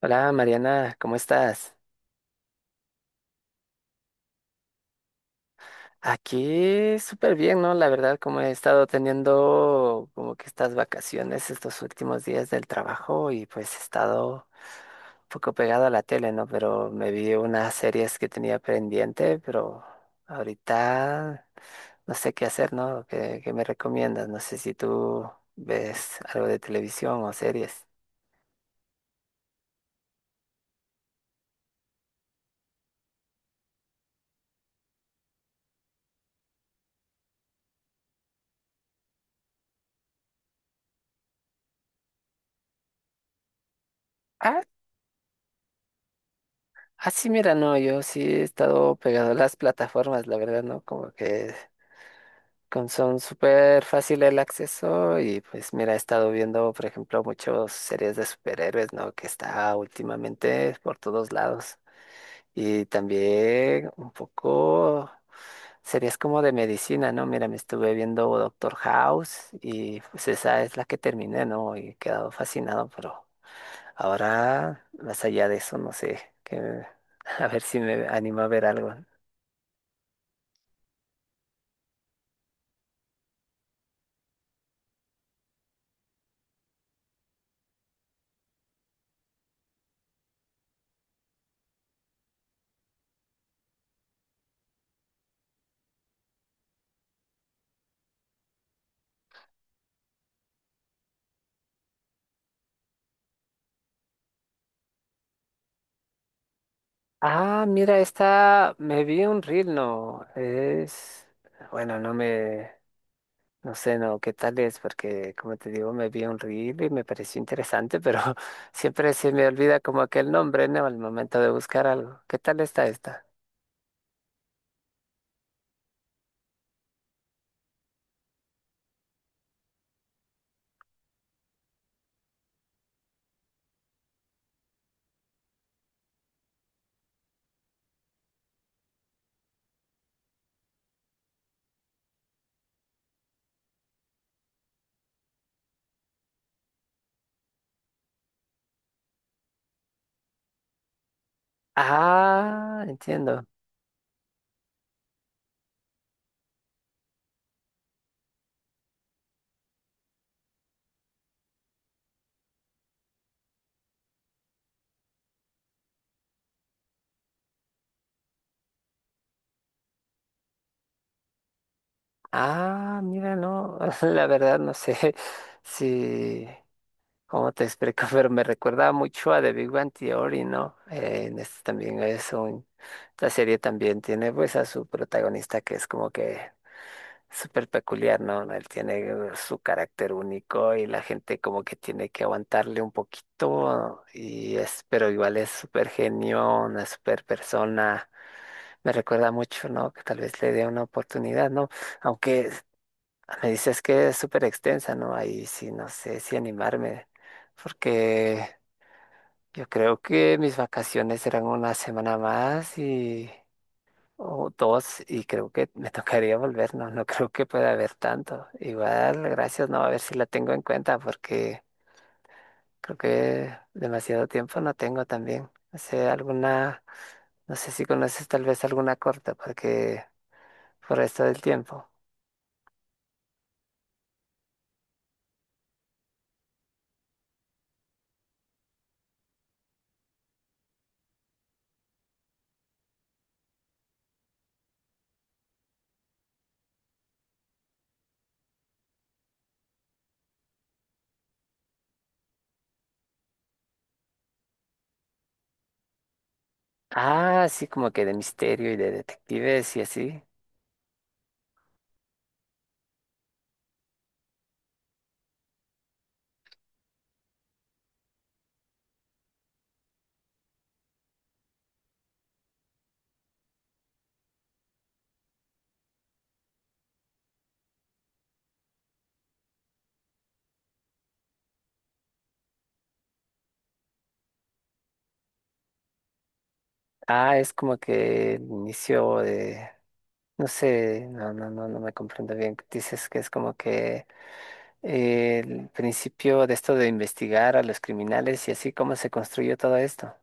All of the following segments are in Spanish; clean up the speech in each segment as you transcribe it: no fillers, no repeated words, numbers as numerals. Hola Mariana, ¿cómo estás? Aquí súper bien, ¿no? La verdad, como he estado teniendo como que estas vacaciones estos últimos días del trabajo y pues he estado un poco pegado a la tele, ¿no? Pero me vi unas series que tenía pendiente, pero ahorita no sé qué hacer, ¿no? ¿Qué, qué me recomiendas? No sé si tú ves algo de televisión o series. Ah, sí, mira, no, yo sí he estado pegado a las plataformas, la verdad, ¿no? Como que... son súper fácil el acceso y pues mira, he estado viendo, por ejemplo, muchas series de superhéroes, ¿no? Que está últimamente por todos lados. Y también un poco series como de medicina, ¿no? Mira, me estuve viendo Doctor House y pues esa es la que terminé, ¿no? Y he quedado fascinado, pero ahora, más allá de eso, no sé, que, a ver si me animo a ver algo. Ah, mira, esta me vi un reel, no, es, bueno, no me, no sé, no, qué tal es, porque como te digo, me vi un reel y me pareció interesante, pero siempre se me olvida como aquel nombre, ¿no? Al momento de buscar algo. ¿Qué tal está esta? Ah, entiendo. Ah, mira, no, la verdad no sé si ¿cómo te explico? Pero me recuerda mucho a The Big Bang Theory, ¿no? En este también es un... La serie también tiene pues a su protagonista que es como que súper peculiar, ¿no? Él tiene su carácter único y la gente como que tiene que aguantarle un poquito y es, pero igual es súper genio, una súper persona. Me recuerda mucho, ¿no? Que tal vez le dé una oportunidad, ¿no? Aunque me dices que es súper extensa, ¿no? Ahí sí, no sé si animarme porque yo creo que mis vacaciones eran una semana más y o dos y creo que me tocaría volver, no, no creo que pueda haber tanto. Igual, gracias, no, a ver si la tengo en cuenta porque creo que demasiado tiempo no tengo también. No sé, alguna, no sé si conoces tal vez alguna corta porque por esto del tiempo. Ah, sí, como que de misterio y de detectives y así. Ah, es como que el inicio de no sé, no, no, no, no me comprendo bien. Dices que es como que el principio de esto de investigar a los criminales y así cómo se construyó todo esto.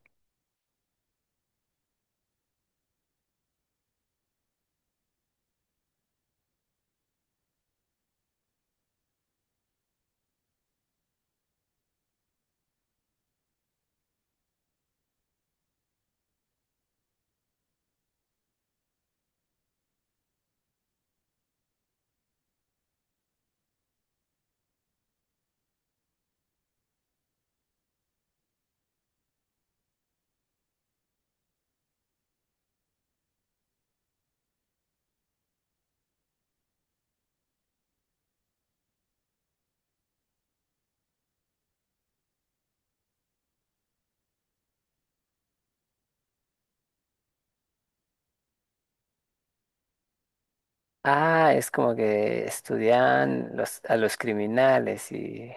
Ah, es como que estudian los, a los criminales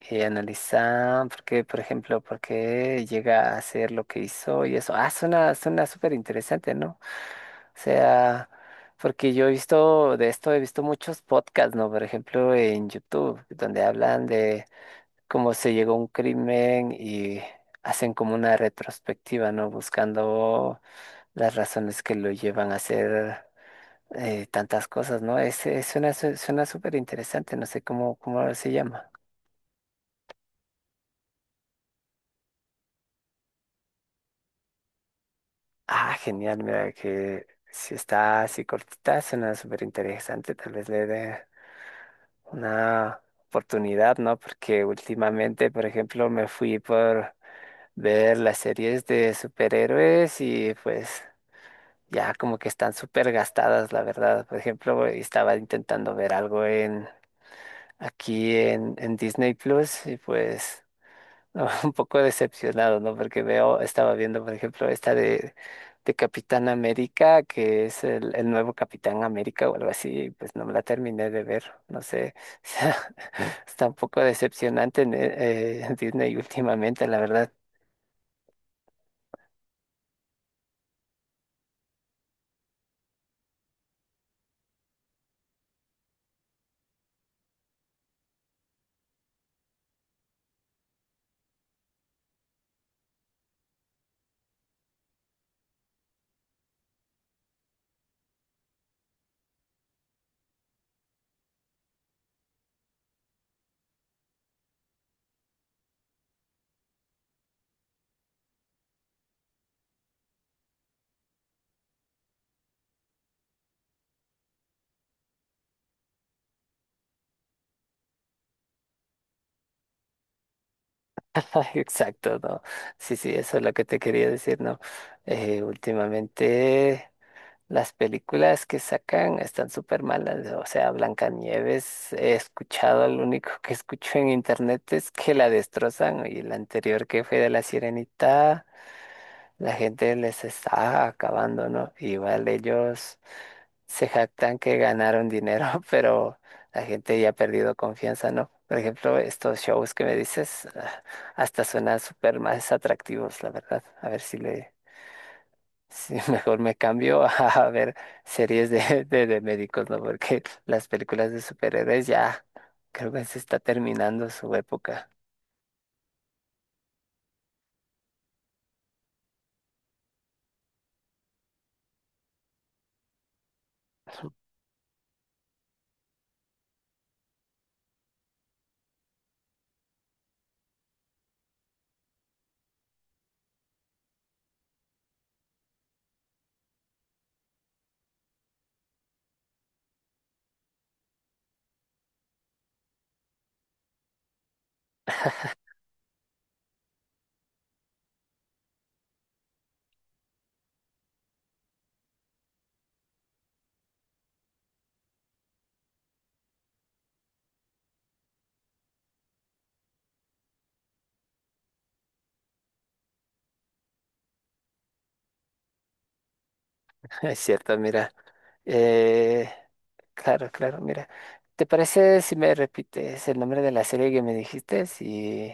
y analizan por qué, por ejemplo, por qué llega a hacer lo que hizo y eso. Ah, suena, suena súper interesante, ¿no? O sea, porque yo he visto de esto, he visto muchos podcasts, ¿no? Por ejemplo, en YouTube, donde hablan de cómo se llegó a un crimen y hacen como una retrospectiva, ¿no? Buscando las razones que lo llevan a hacer tantas cosas, ¿no? Es, suena, suena súper interesante, no sé cómo, cómo se llama. Ah, genial, mira que si está así cortita, suena súper interesante, tal vez le dé una oportunidad, ¿no? Porque últimamente, por ejemplo, me fui por ver las series de superhéroes y pues ya como que están súper gastadas, la verdad. Por ejemplo, estaba intentando ver algo en aquí en Disney Plus y pues no, un poco decepcionado, ¿no? Porque veo, estaba viendo, por ejemplo, esta de Capitán América, que es el nuevo Capitán América o algo así, y pues no me la terminé de ver, no sé. O sea, está un poco decepcionante en, Disney últimamente, la verdad. Exacto, no. Sí, sí, eso es lo que te quería decir, ¿no? Últimamente las películas que sacan están súper malas, ¿no? O sea, Blancanieves, he escuchado, lo único que escucho en internet es que la destrozan, ¿no? Y la anterior que fue de La Sirenita, la gente les está acabando, ¿no? Igual ellos se jactan que ganaron dinero, pero la gente ya ha perdido confianza, ¿no? Por ejemplo, estos shows que me dices, ah, hasta suenan súper más atractivos, la verdad. A ver si le, si mejor me cambio a ver series de médicos, ¿no? Porque las películas de superhéroes ya creo que se está terminando su época. Es cierto, mira. Eh, Claro, claro, mira. ¿Te parece si me repites el nombre de la serie que me dijiste?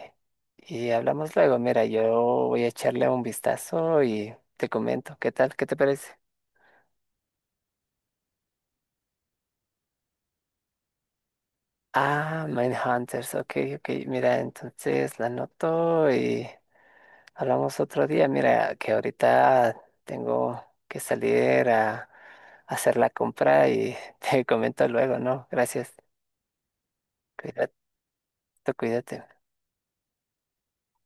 Y hablamos luego. Mira, yo voy a echarle un vistazo y te comento. ¿Qué tal? ¿Qué te parece? Ah, Mindhunters. Ok, ok. Mira, entonces la anoto y hablamos otro día. Mira, que ahorita tengo que salir a hacer la compra y te comento luego, ¿no? Gracias. Cuídate, cuídate.